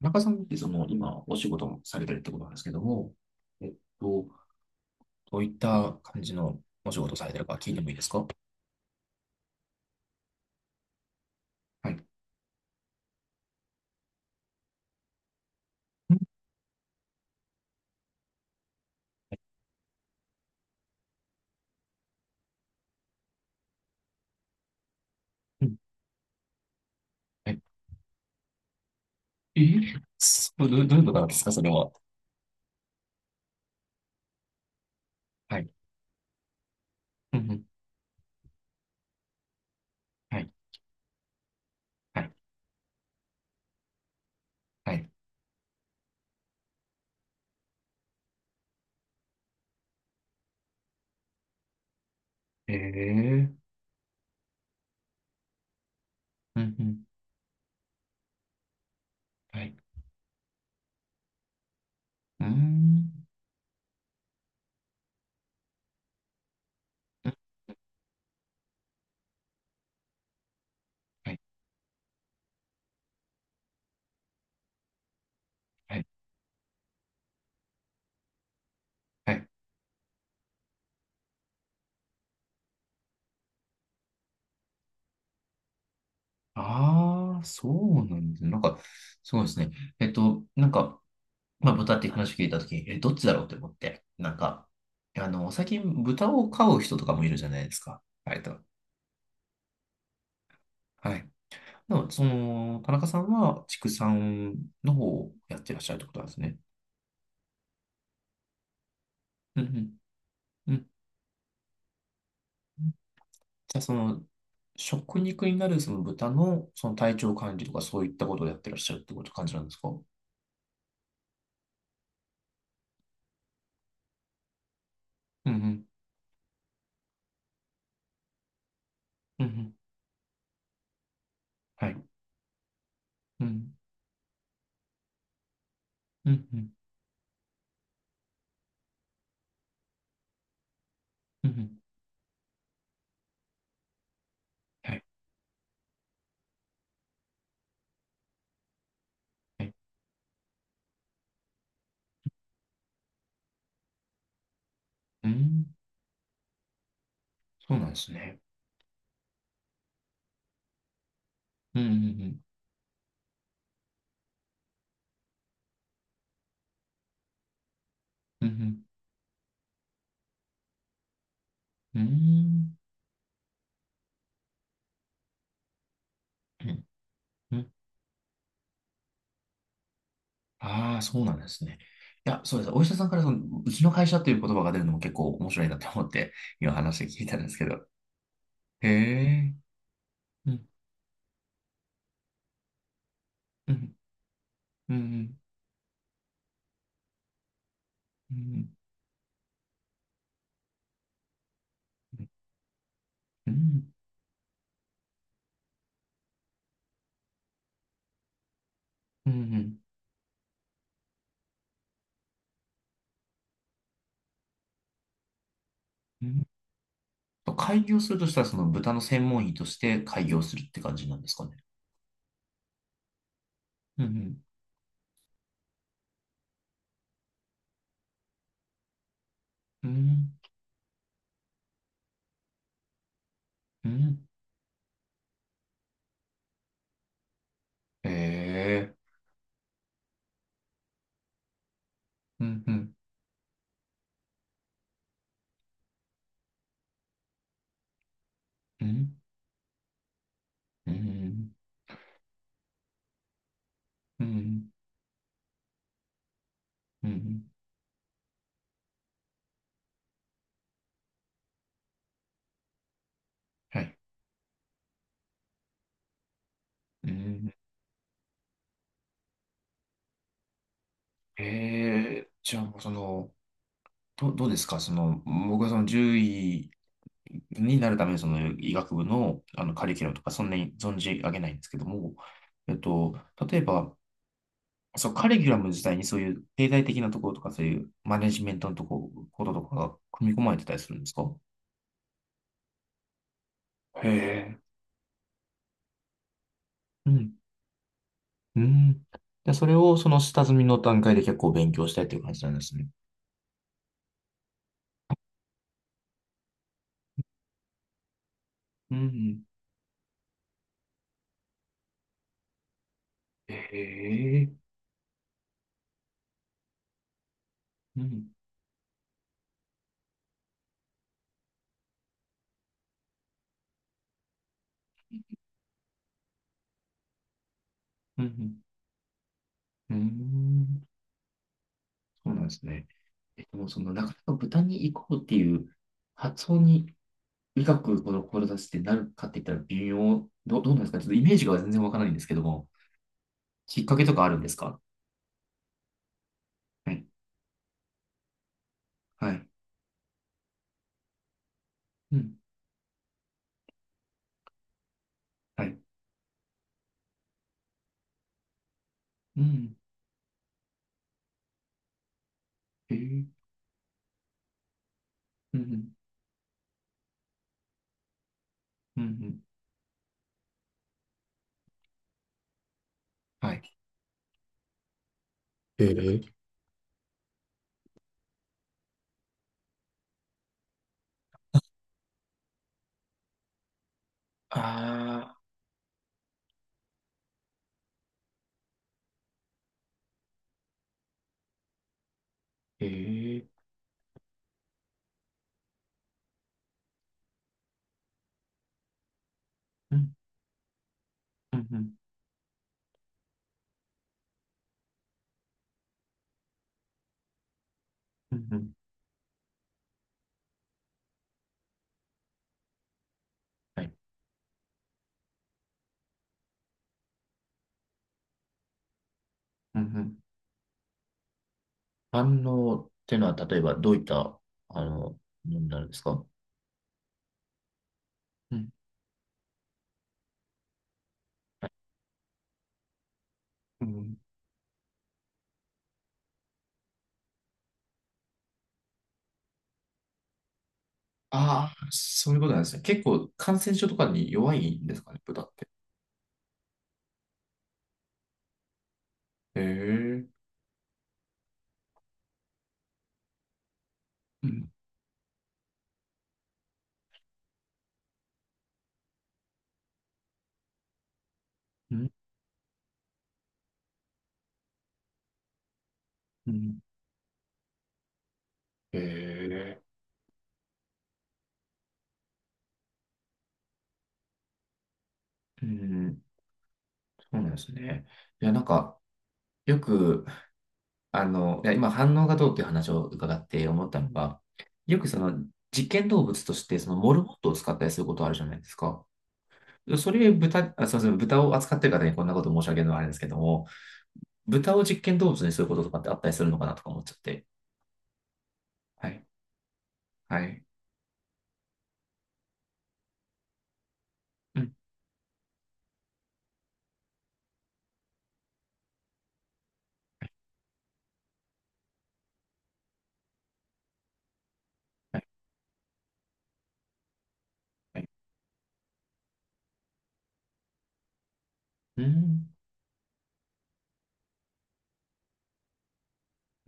中さんってその今お仕事もされてるってことなんですけども、えっと、どういった感じのお仕事をされてるか聞いてもいいですか？はい。うんうん。はい。え、そう、どういうことなんですか、それは。はい。うんうん。はい。はい。はい。ええ。うんうん。はい。うーん。うん。はい。はい。はい。ああ、そうなんですね。なんか、そうですね。なんか、まあ、豚っていう話を聞いたときに、え、どっちだろうって思って、なんか、最近豚を飼う人とかもいるじゃないですか。割と。はい。でも、その、田中さんは畜産の方をやってらっしゃるってことなんですね。うんうん。うん。じゃあ、その、食肉になるその豚のその体調管理とかそういったことをやってらっしゃるってこと感じなんですか？うん。うん。うんうん。はい。うん。うんうん。うんうん。はい。はい。うん。そうなんですね。うんうん。うん。うんうん。うん。ん。ああー、そうなんですね。いや、そうです。お医者さんからその、うちの会社という言葉が出るのも結構面白いなって思って、今話を聞いたんですけど。へえ。うん、うん、うん、うん、うん、うん、うん。と開業するとしたら、その豚の専門医として開業するって感じなんですかね。うん、うん、うん。へえ。うん、うん、うん、うん、うん、うん。うん。はい。うん。へえ、じゃあもうその、どうですかその、僕はその獣医になるためにその医学部の、あのカリキュラムとかそんなに存じ上げないんですけども、えっと、例えば、そう、カリキュラム自体にそういう経済的なところとかそういうマネジメントのこととかが組み込まれてたりするんですか？へえ。うん。うん。で、それをその下積みの段階で結構勉強したいという感じなんですね。うん。へえ。うん。うん。うん。うん。そうなんですね。もうその、なかなか豚に行こうっていう発想に医学ほど志してなるかって言ったら微妙、どうなんですかちょっとイメージが全然わからないんですけども、きっかけとかあるんですか？はい。はい。うん。はい。うん。えー。うん。うん。うん。はい。えー。ああ、ええ。うん。うん。うん。うんうん。はい。うん。うん。反応ってのは、例えばどういった、ものになるんですか？うん。はい。ああ、そういうことなんですね。結構感染症とかに弱いんですかね、豚って。へえ。うん。うん。うん。へえ。うん。そうなんですね。いや、なんか、よく、いや、今反応がどうっていう話を伺って思ったのが、よくその実験動物としてそのモルモットを使ったりすることあるじゃないですか。それ豚、あ、すみません、豚を扱ってる方にこんなこと申し上げるのはあれですけども、豚を実験動物にすることとかってあったりするのかなとか思っちゃって。はい。はい。うん。はい。はい。はい。うん。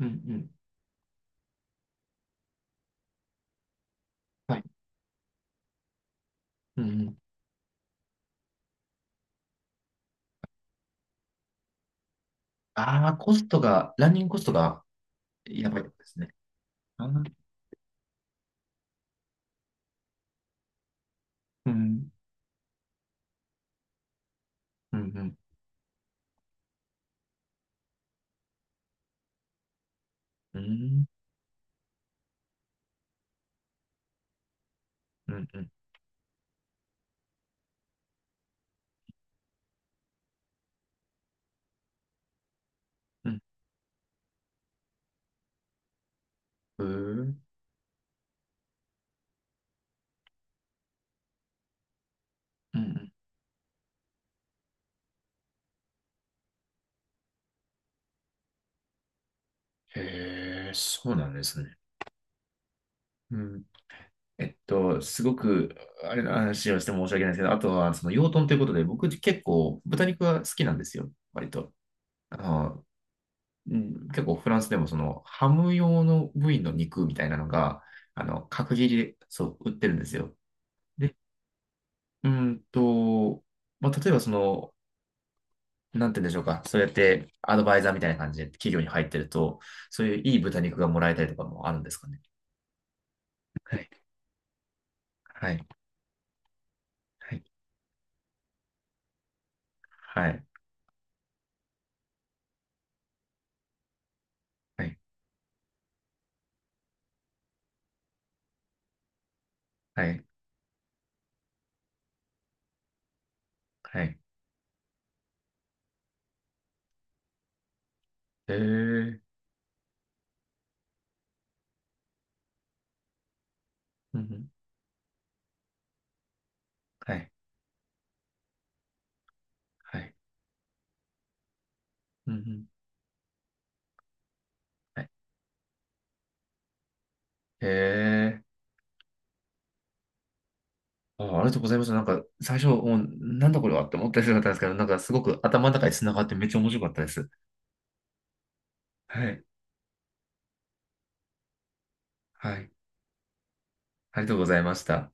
うん、うん。はい。うん、うん。ああ、コストが、ランニングコストがやばいってことですね。あー。うん、うん、うん、うん、うん、うん、うん、うん。うん。へえ、そうなんですね。うん。すごく、あれの話をして申し訳ないですけど、あとは、その養豚ということで、僕結構豚肉は好きなんですよ、割と。あの、うん、結構フランスでもそのハム用の部位の肉みたいなのが、角切りで、そう、売ってるんですよ。で、うーんと、まあ、例えばその、なんて言うんでしょうか。そうやってアドバイザーみたいな感じで企業に入ってると、そういういい豚肉がもらえたりとかもあるんですかね。はい。はい。はい。はい。はい。はい。はい。へえ。うんうん。はい。はい。うんうん。はい。へえ。あ、ありがとうございました。なんか、最初、もう、なんだこれはって思ったりするったんですけど、なんか、すごく頭の中に繋がってめっちゃ面白かったです。はい。はい。ありがとうございました。